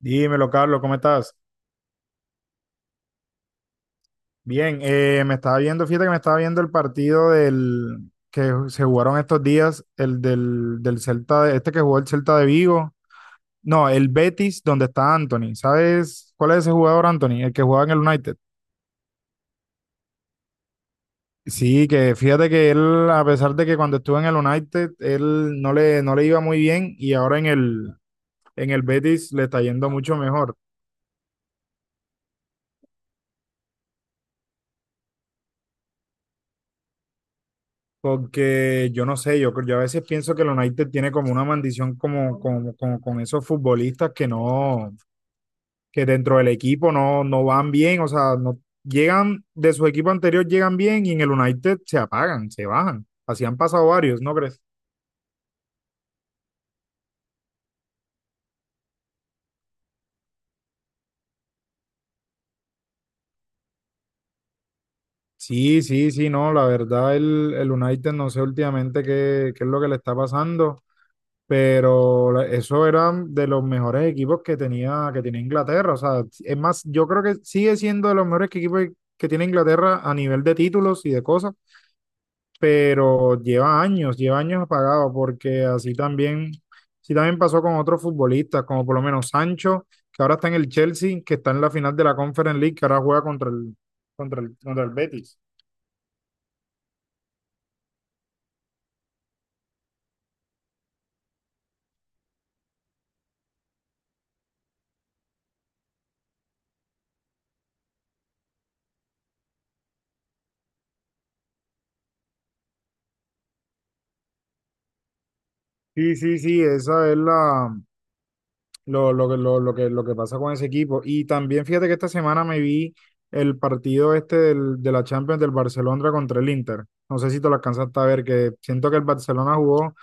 Dímelo, Carlos, ¿cómo estás? Bien, me estaba viendo, fíjate que me estaba viendo el partido del que se jugaron estos días, el del Celta, este que jugó el Celta de Vigo, no, el Betis, donde está Anthony. ¿Sabes cuál es ese jugador, Anthony? El que jugaba en el United. Sí, que fíjate que él, a pesar de que cuando estuvo en el United, él no le iba muy bien y ahora en el Betis le está yendo mucho mejor. Porque yo no sé, yo a veces pienso que el United tiene como una maldición como con esos futbolistas que no, que dentro del equipo no van bien, o sea, no llegan de su equipo anterior, llegan bien y en el United se apagan, se bajan. Así han pasado varios, ¿no crees? Sí, sí, sí, no, la verdad el United no sé últimamente qué es lo que le está pasando. Pero eso eran de los mejores equipos que tenía, Inglaterra. O sea, es más, yo creo que sigue siendo de los mejores equipos que tiene Inglaterra a nivel de títulos y de cosas, pero lleva años apagado, porque así también, sí también pasó con otros futbolistas, como por lo menos Sancho, que ahora está en el Chelsea, que está en la final de la Conference League, que ahora juega contra el, contra el Betis. Sí, sí, sí, esa es la, lo que pasa con ese equipo. Y también fíjate que esta semana me vi el partido este de la Champions del Barcelona contra el Inter. No sé si te lo alcanzaste a ver, que siento que el Barcelona jugó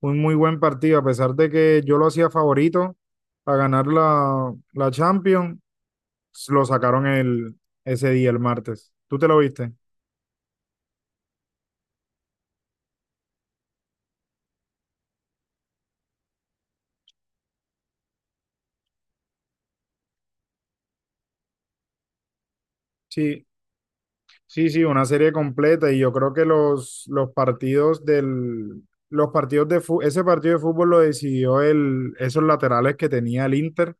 un muy buen partido, a pesar de que yo lo hacía favorito a ganar la Champions, lo sacaron ese día, el martes. ¿Tú te lo viste? Sí, sí, sí, una serie completa y yo creo que los partidos ese partido de fútbol lo decidió esos laterales que tenía el Inter.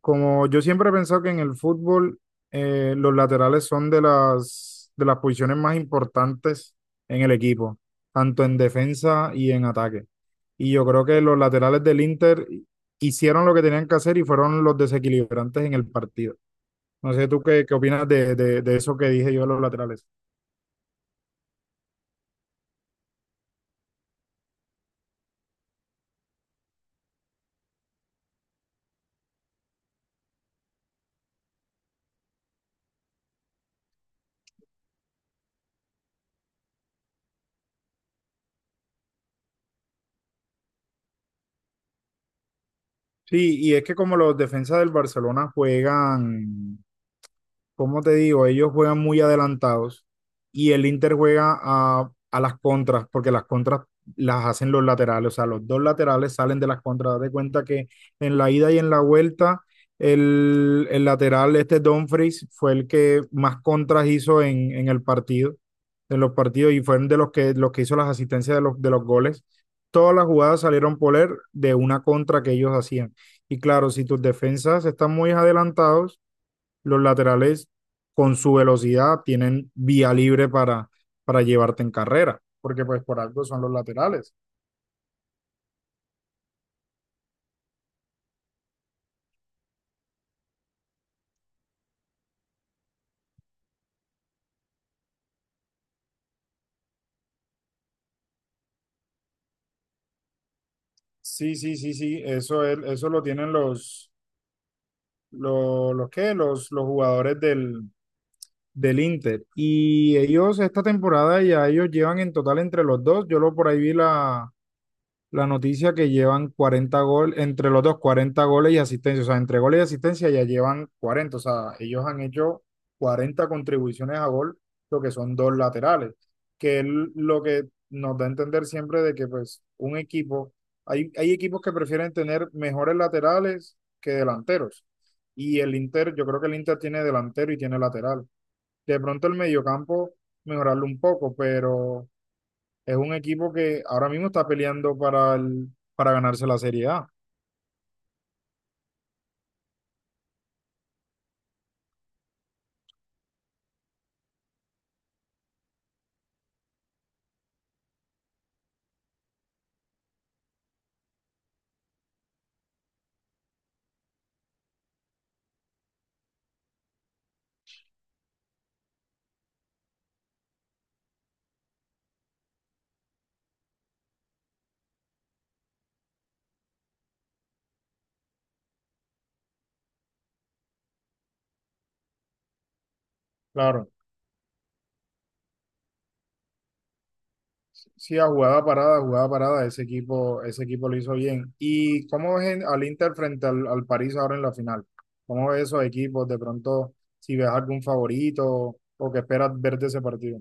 Como yo siempre he pensado que en el fútbol los laterales son de las posiciones más importantes en el equipo, tanto en defensa y en ataque. Y yo creo que los laterales del Inter hicieron lo que tenían que hacer y fueron los desequilibrantes en el partido. No sé tú qué opinas de eso que dije yo de los laterales. Sí, y es que como los defensas del Barcelona juegan como te digo, ellos juegan muy adelantados y el Inter juega a las contras, porque las contras las hacen los laterales, o sea, los dos laterales salen de las contras. Date cuenta que en la ida y en la vuelta, el lateral, este Dumfries, fue el que más contras hizo en el partido, en los partidos, y fueron de los que hizo las asistencias de los goles. Todas las jugadas salieron por él de una contra que ellos hacían. Y claro, si tus defensas están muy adelantados, los laterales con su velocidad tienen vía libre para llevarte en carrera, porque pues por algo son los laterales. Sí, sí, sí, sí, eso, es, eso lo tienen los jugadores del Inter. Y ellos esta temporada ya ellos llevan en total entre los dos, yo lo por ahí vi la noticia que llevan 40 goles, entre los dos 40 goles y asistencia, o sea, entre goles y asistencia ya llevan 40, o sea, ellos han hecho 40 contribuciones a gol, lo que son dos laterales, que es lo que nos da a entender siempre de que pues un equipo, hay equipos que prefieren tener mejores laterales que delanteros, y el Inter, yo creo que el Inter tiene delantero y tiene lateral, de pronto el mediocampo mejorarlo un poco, pero es un equipo que ahora mismo está peleando para, para ganarse la Serie A. Claro, sí, a jugada parada, ese equipo lo hizo bien. ¿Y cómo ves al Inter frente al París ahora en la final? ¿Cómo ves esos equipos? De pronto, si ves algún favorito o que esperas ver de ese partido.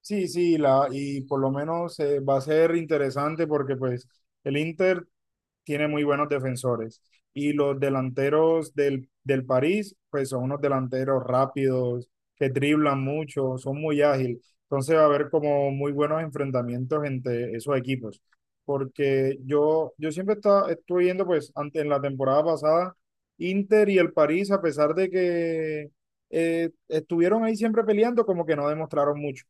Sí, sí, la, y por lo menos va a ser interesante porque pues el Inter tiene muy buenos defensores. Y los delanteros del París, pues son unos delanteros rápidos, que driblan mucho, son muy ágiles. Entonces va a haber como muy buenos enfrentamientos entre esos equipos. Porque yo siempre estuve viendo, pues, en la temporada pasada, Inter y el París, a pesar de que estuvieron ahí siempre peleando, como que no demostraron mucho.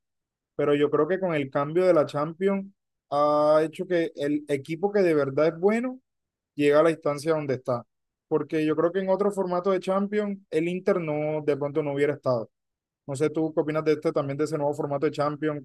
Pero yo creo que con el cambio de la Champions ha hecho que el equipo que de verdad es bueno llega a la instancia donde está. Porque yo creo que en otro formato de Champions, el Inter no, de pronto no hubiera estado. No sé tú qué opinas de este también, de ese nuevo formato de Champions.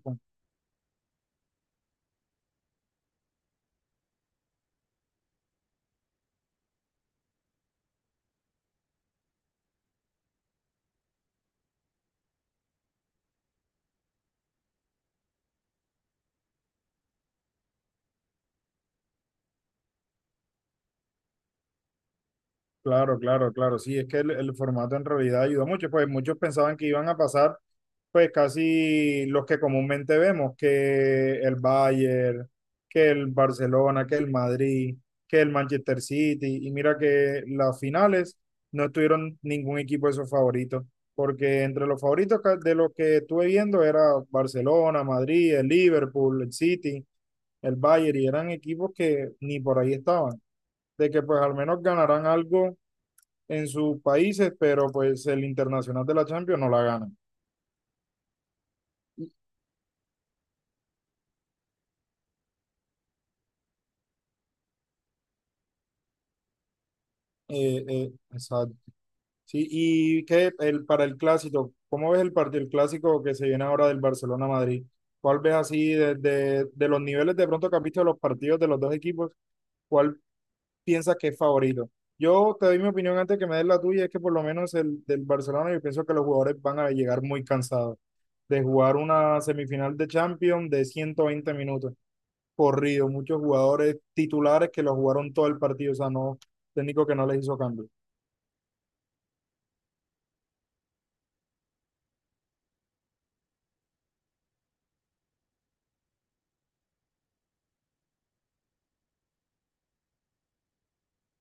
Claro, claro, claro. Sí, es que el formato en realidad ayudó mucho. Pues muchos pensaban que iban a pasar, pues casi los que comúnmente vemos, que el Bayern, que el Barcelona, que el Madrid, que el Manchester City. Y mira que las finales no estuvieron ningún equipo de sus favoritos, porque entre los favoritos de los que estuve viendo era Barcelona, Madrid, el Liverpool, el City, el Bayern, y eran equipos que ni por ahí estaban, de que pues al menos ganarán algo en sus países, pero pues el internacional de la Champions no la gana. Exacto. Sí, y qué para el clásico, ¿cómo ves el partido, el clásico que se viene ahora del Barcelona-Madrid? ¿Cuál ves así desde de los niveles de pronto que has visto de los partidos de los dos equipos? ¿Cuál piensas que es favorito? Yo te doy mi opinión antes que me des la tuya, es que por lo menos el del Barcelona, yo pienso que los jugadores van a llegar muy cansados de jugar una semifinal de Champions de 120 minutos corrido, muchos jugadores titulares que lo jugaron todo el partido, o sea, no, técnico que no les hizo cambio.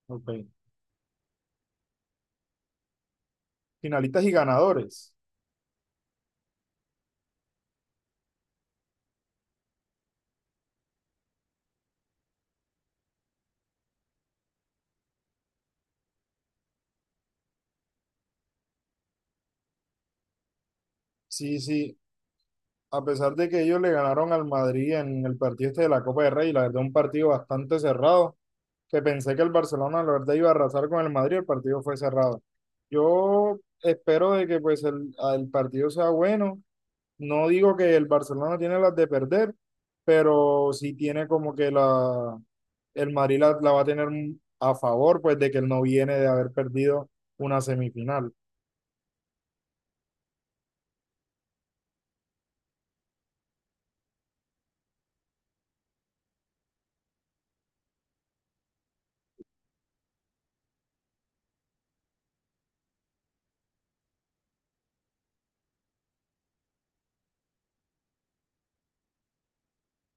Ok. Finalistas y ganadores. Sí, sí, a pesar de que ellos le ganaron al Madrid en el partido este de la Copa del Rey, la verdad, un partido bastante cerrado, que pensé que el Barcelona, la verdad, iba a arrasar con el Madrid, el partido fue cerrado. Yo espero de que pues el partido sea bueno. No digo que el Barcelona tiene las de perder, pero sí tiene como que la, el Madrid la va a tener a favor, pues de que él no viene de haber perdido una semifinal.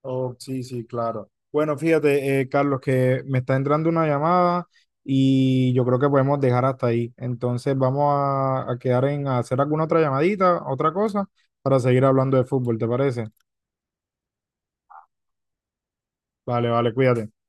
Oh, sí, sí, claro. Bueno, fíjate, Carlos, que me está entrando una llamada y yo creo que podemos dejar hasta ahí. Entonces vamos a quedar en hacer alguna otra llamadita, otra cosa, para seguir hablando de fútbol, ¿te parece? Vale, vale, cuídate.